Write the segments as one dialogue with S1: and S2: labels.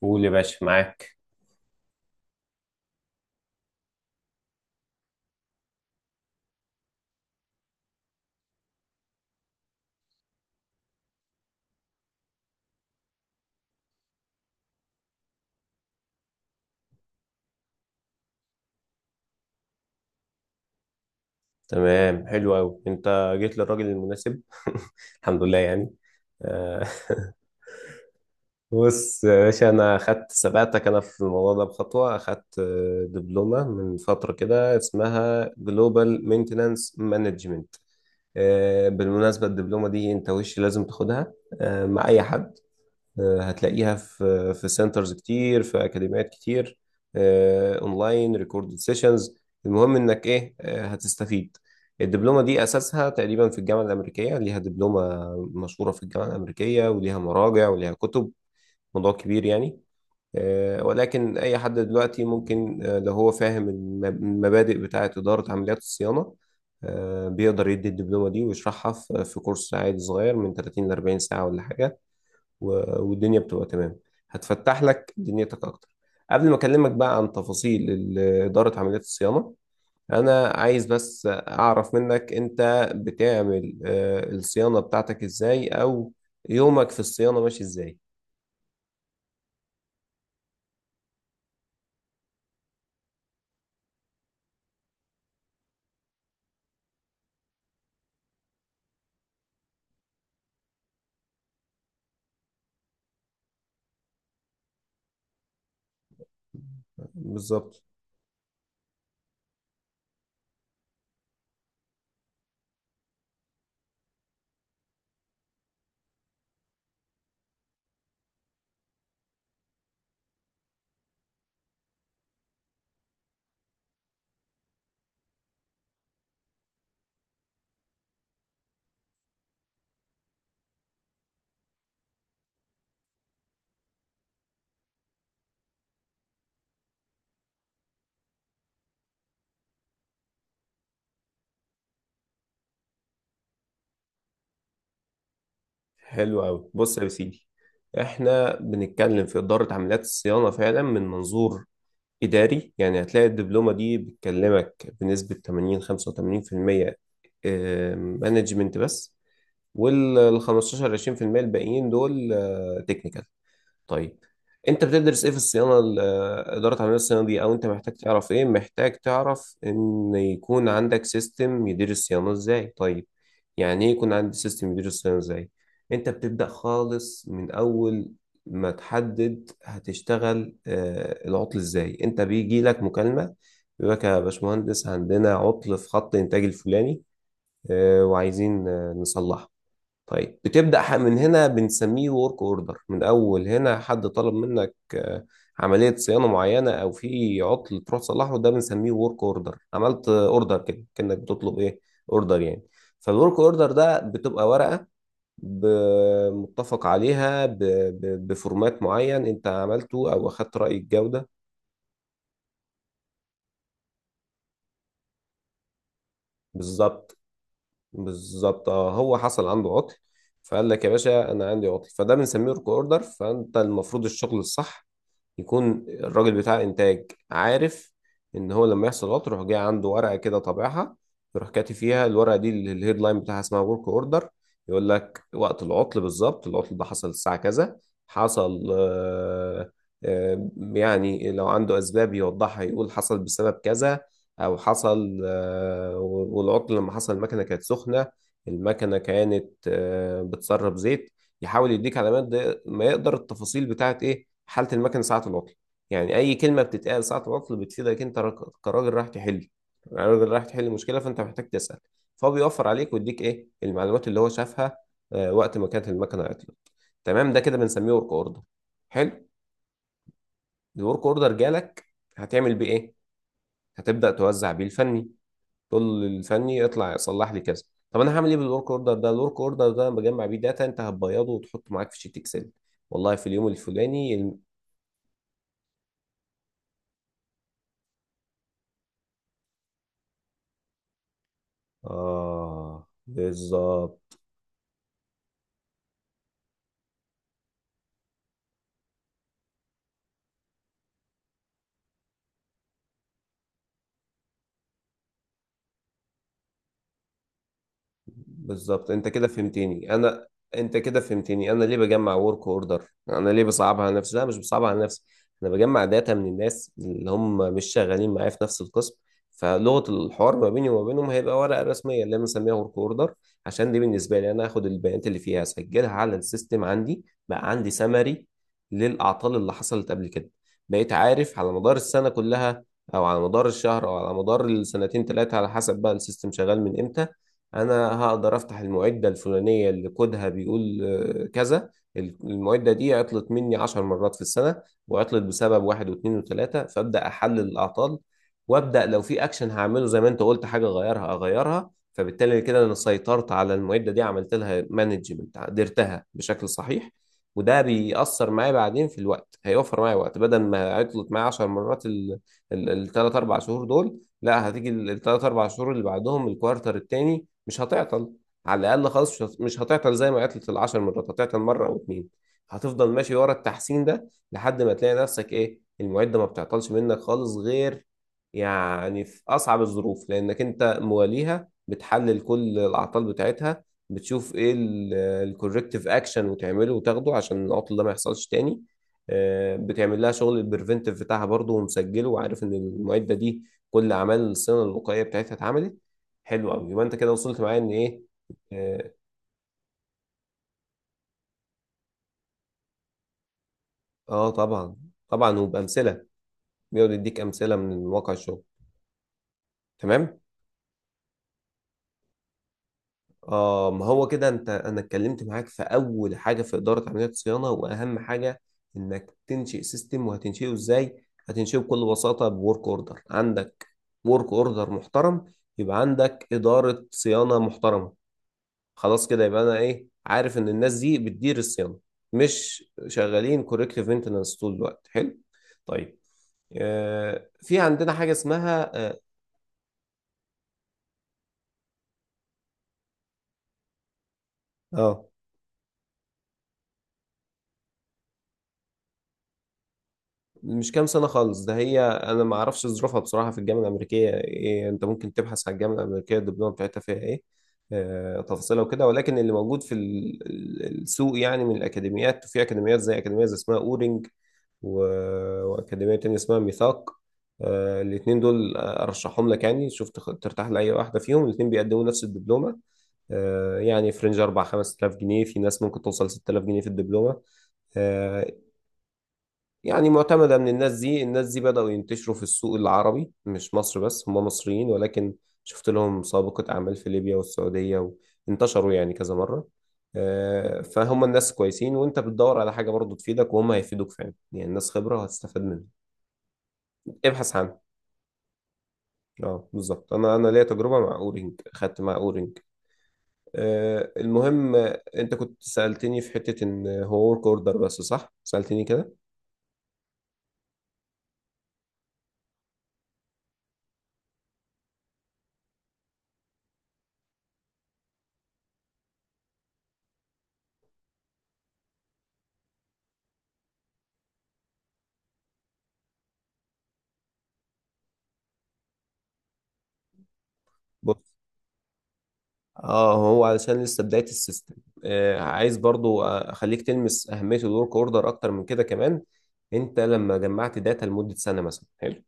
S1: قول يا باشا، معاك. تمام، حلو قوي، انت جيت للراجل المناسب. الحمد لله يعني. آه، بص يا باشا، انا خدت سبقتك انا في الموضوع ده بخطوه، خدت دبلومه من فتره كده اسمها جلوبال مينتنانس مانجمنت. بالمناسبه الدبلومه دي انت وش لازم تاخدها مع اي حد. هتلاقيها في سنترز كتير، في اكاديميات كتير، اونلاين ريكوردد سيشنز. المهم انك ايه، هتستفيد. الدبلومه دي اساسها تقريبا في الجامعه الامريكيه، ليها دبلومه مشهوره في الجامعه الامريكيه، وليها مراجع وليها كتب، موضوع كبير يعني. ولكن اي حد دلوقتي ممكن، لو هو فاهم المبادئ بتاعه اداره عمليات الصيانه، بيقدر يدي الدبلومه دي ويشرحها في كورس عادي صغير من 30 ل 40 ساعه ولا حاجه. والدنيا بتبقى تمام، هتفتح لك دنيتك اكتر. قبل ما اكلمك بقى عن تفاصيل اداره عمليات الصيانه، انا عايز بس اعرف منك، انت بتعمل الصيانه بتاعتك ازاي، او يومك في الصيانه ماشي ازاي؟ بالظبط. حلو قوي، بص يا سيدي، احنا بنتكلم في اداره عمليات الصيانه فعلا من منظور اداري، يعني هتلاقي الدبلومه دي بتكلمك بنسبه 80 85% مانجمنت بس، وال 15 20% الباقيين دول تكنيكال. طيب، انت بتدرس ايه في الصيانه اداره عمليه الصيانه دي؟ او انت محتاج تعرف ايه؟ محتاج تعرف ان يكون عندك سيستم يدير الصيانه ازاي. طيب، يعني ايه يكون عندي سيستم يدير الصيانه ازاي؟ انت بتبدا خالص من اول ما تحدد هتشتغل العطل ازاي. انت بيجي لك مكالمه بيقول لك يا باشمهندس عندنا عطل في خط الانتاج الفلاني، وعايزين نصلحه. طيب بتبدأ من هنا، بنسميه ورك اوردر. من اول هنا حد طلب منك عملية صيانة معينة، او في عطل تروح تصلحه، ده بنسميه ورك اوردر. عملت اوردر كده، كأنك بتطلب ايه، اوردر يعني. فالورك اوردر ده بتبقى ورقة متفق عليها بفورمات معين انت عملته، او اخدت رأي الجودة. بالظبط، بالظبط، اه هو حصل عنده عطل، فقال لك يا باشا انا عندي عطل، فده بنسميه ورك اوردر. فانت المفروض الشغل الصح يكون الراجل بتاع انتاج عارف ان هو لما يحصل غلط يروح، جاي عنده ورقه كده طابعها، يروح كاتب فيها. الورقه دي اللي الهيد لاين بتاعها اسمها ورك اوردر، يقول لك وقت العطل بالظبط، العطل ده حصل الساعه كذا، حصل آه، يعني لو عنده اسباب يوضحها يقول حصل بسبب كذا، او حصل والعطل لما حصل المكنه كانت سخنه، المكنه كانت بتسرب زيت، يحاول يديك علامات، ده ما يقدر التفاصيل بتاعت ايه حالة المكنة ساعة العطل. يعني اي كلمة بتتقال ساعة العطل بتفيدك انت كراجل رايح تحل، راجل رايح تحل مشكلة، فانت محتاج تسأل. فهو بيوفر عليك ويديك ايه المعلومات اللي هو شافها وقت ما كانت المكنة عطلت. تمام، ده كده بنسميه ورك اوردر. حلو، الورك اوردر جالك، هتعمل بيه ايه؟ هتبدأ توزع بيه الفني، تقول للفني اطلع صلح لي كذا. طب انا هعمل ايه بالورك اوردر ده؟ الورك اوردر ده بجمع بيه داتا، انت هتبيضه وتحطه معاك في شيت اكسل، والله في اليوم الفلاني. اه بالظبط. بالظبط، انت كده فهمتني انا ليه بجمع ورك اوردر، انا ليه بصعبها على نفسي. لا، مش بصعبها على نفسي، انا بجمع داتا من الناس اللي هم مش شغالين معايا في نفس القسم، فلغه الحوار ما بيني وما بينهم هيبقى ورقه رسميه اللي انا مسميها ورك اوردر، عشان دي بالنسبه لي. انا هاخد البيانات اللي فيها اسجلها على السيستم، عندي بقى عندي سمري للاعطال اللي حصلت قبل كده، بقيت عارف على مدار السنه كلها، او على مدار الشهر، او على مدار السنتين ثلاثه على حسب بقى السيستم شغال من امتى. انا هقدر افتح المعده الفلانيه اللي كودها بيقول كذا، المعده دي عطلت مني 10 مرات في السنه، وعطلت بسبب واحد واثنين وثلاثه، فابدا احلل الاعطال، وابدا لو في اكشن هعمله زي ما انت قلت حاجه اغيرها اغيرها، فبالتالي كده انا سيطرت على المعده دي، عملت لها مانجمنت، قدرتها بشكل صحيح. وده بيأثر معايا بعدين في الوقت، هيوفر معايا وقت. بدل ما عطلت معايا 10 مرات الثلاث اربع شهور دول، لا، هتيجي الثلاث اربع شهور اللي بعدهم، الكوارتر التاني، مش هتعطل. على الاقل خالص مش مش هتعطل زي ما عطلت ال10 مرات، هتعطل مره او اتنين. هتفضل ماشي ورا التحسين ده لحد ما تلاقي نفسك ايه، المعده ما بتعطلش منك خالص غير يعني في اصعب الظروف، لانك انت مواليها، بتحلل كل الاعطال بتاعتها، بتشوف ايه الكوركتيف اكشن، وتعمله وتاخده عشان العطل ده ما يحصلش تاني. بتعمل لها شغل البريفنتيف بتاعها برضه ومسجله، وعارف ان المعده دي كل اعمال الصيانه الوقائيه بتاعتها اتعملت. حلو قوي، يبقى انت كده وصلت معايا ان ايه. اه. طبعا، طبعا وبامثله، بيقعد يديك امثله من واقع الشغل. تمام. اه ما هو كده انت، انا اتكلمت معاك في اول حاجه في اداره عمليات الصيانه، واهم حاجه انك تنشئ سيستم. وهتنشئه ازاي؟ هتنشئه بكل بساطه بورك اوردر، عندك ورك اوردر محترم يبقى عندك اداره صيانه محترمه. خلاص كده يبقى انا ايه، عارف ان الناس دي بتدير الصيانه، مش شغالين كوركتيف مينتنس طول الوقت. حلو، طيب، في عندنا حاجة اسمها اه. آه، مش كام سنة خالص ده، هي أنا ما أعرفش ظروفها بصراحة، في الجامعة الأمريكية إيه. أنت ممكن تبحث على الجامعة الأمريكية الدبلومة بتاعتها فيها إيه، تفاصيلها وكده. ولكن اللي موجود في السوق يعني من الأكاديميات، وفي أكاديميات زي أكاديمية زي اسمها أورنج، و... وأكاديمية تانية اسمها ميثاق. الاتنين دول أرشحهم لك يعني، شوف ترتاح لأي واحدة فيهم، الاتنين بيقدموا نفس الدبلومة. يعني فرنج 4 5000 جنيه، في ناس ممكن توصل 6000 جنيه في الدبلومة. آه، يعني معتمدة من الناس دي، الناس دي بدأوا ينتشروا في السوق العربي، مش مصر بس، هم مصريين ولكن شفت لهم سابقة أعمال في ليبيا والسعودية، وانتشروا يعني كذا مرة. فهم الناس كويسين، وانت بتدور على حاجة برضو تفيدك، وهم هيفيدوك فعلا، يعني الناس خبرة وهتستفاد منها، ابحث عنها. اه بالظبط، انا ليا تجربة مع اورينج، خدت مع اورينج. المهم، انت كنت سألتني في حتة ان هو ورك اوردر بس، صح، سألتني كده. اه هو علشان لسه بداية السيستم، آه عايز برضو اخليك تلمس اهمية الورك اوردر اكتر من كده كمان. انت لما جمعت داتا لمدة سنة مثلا، حلو،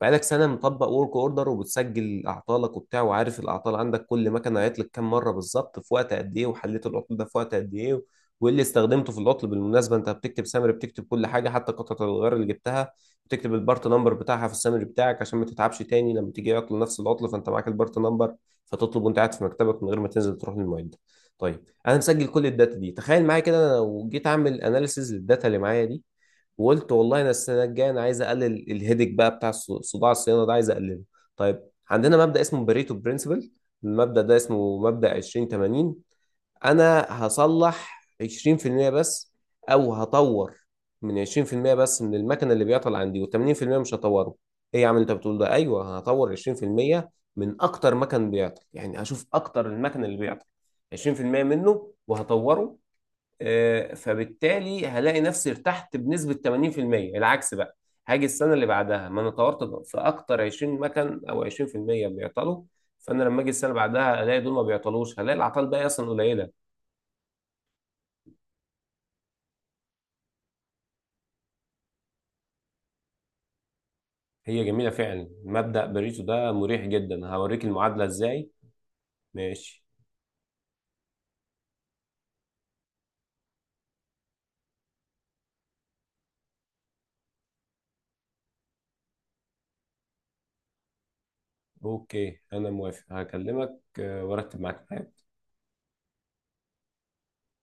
S1: بقالك سنة مطبق ورك اوردر، وبتسجل اعطالك وبتاع، وعارف الاعطال عندك، كل مكنة عطلت كام مرة بالظبط، في وقت قد ايه، وحليت العطل ده في وقت قد ايه، وايه اللي استخدمته في العطل. بالمناسبة انت بتكتب سامري، بتكتب كل حاجة، حتى قطعة الغيار اللي جبتها بتكتب البارت نمبر بتاعها في السامري بتاعك، عشان ما تتعبش تاني لما تيجي عطل نفس العطل، فانت معاك البارت نمبر فتطلب وانت قاعد في مكتبك من غير ما تنزل تروح للمعد. طيب انا مسجل كل الداتا دي، تخيل معايا كده، انا لو جيت اعمل اناليسيز للداتا اللي معايا دي وقلت والله انا السنه الجايه انا عايز اقلل الهيدك بقى بتاع صداع الصيانه ده، عايز اقلله. طيب، عندنا مبدا اسمه بريتو برنسبل، المبدا ده اسمه مبدا 20 80. انا هصلح 20% بس، او هطور من 20% بس من المكنه اللي بيعطل عندي، و80% مش هطوره. ايه يا عم اللي انت بتقول ده؟ ايوه، هطور 20% من اكتر مكن بيعطل، يعني هشوف اكتر المكن اللي بيعطل 20% منه وهطوره. فبالتالي هلاقي نفسي ارتحت بنسبة 80%. العكس بقى، هاجي السنة اللي بعدها، ما انا طورت في اكتر 20 مكن او 20% بيعطلوا، فانا لما اجي السنة اللي بعدها الاقي دول ما بيعطلوش، هلاقي العطال بقى اصلا قليلة. هي جميلة فعلا مبدأ بريتو ده، مريح جدا. هوريك المعادلة ازاي. ماشي. اوكي، انا موافق، هكلمك وارتب معاك.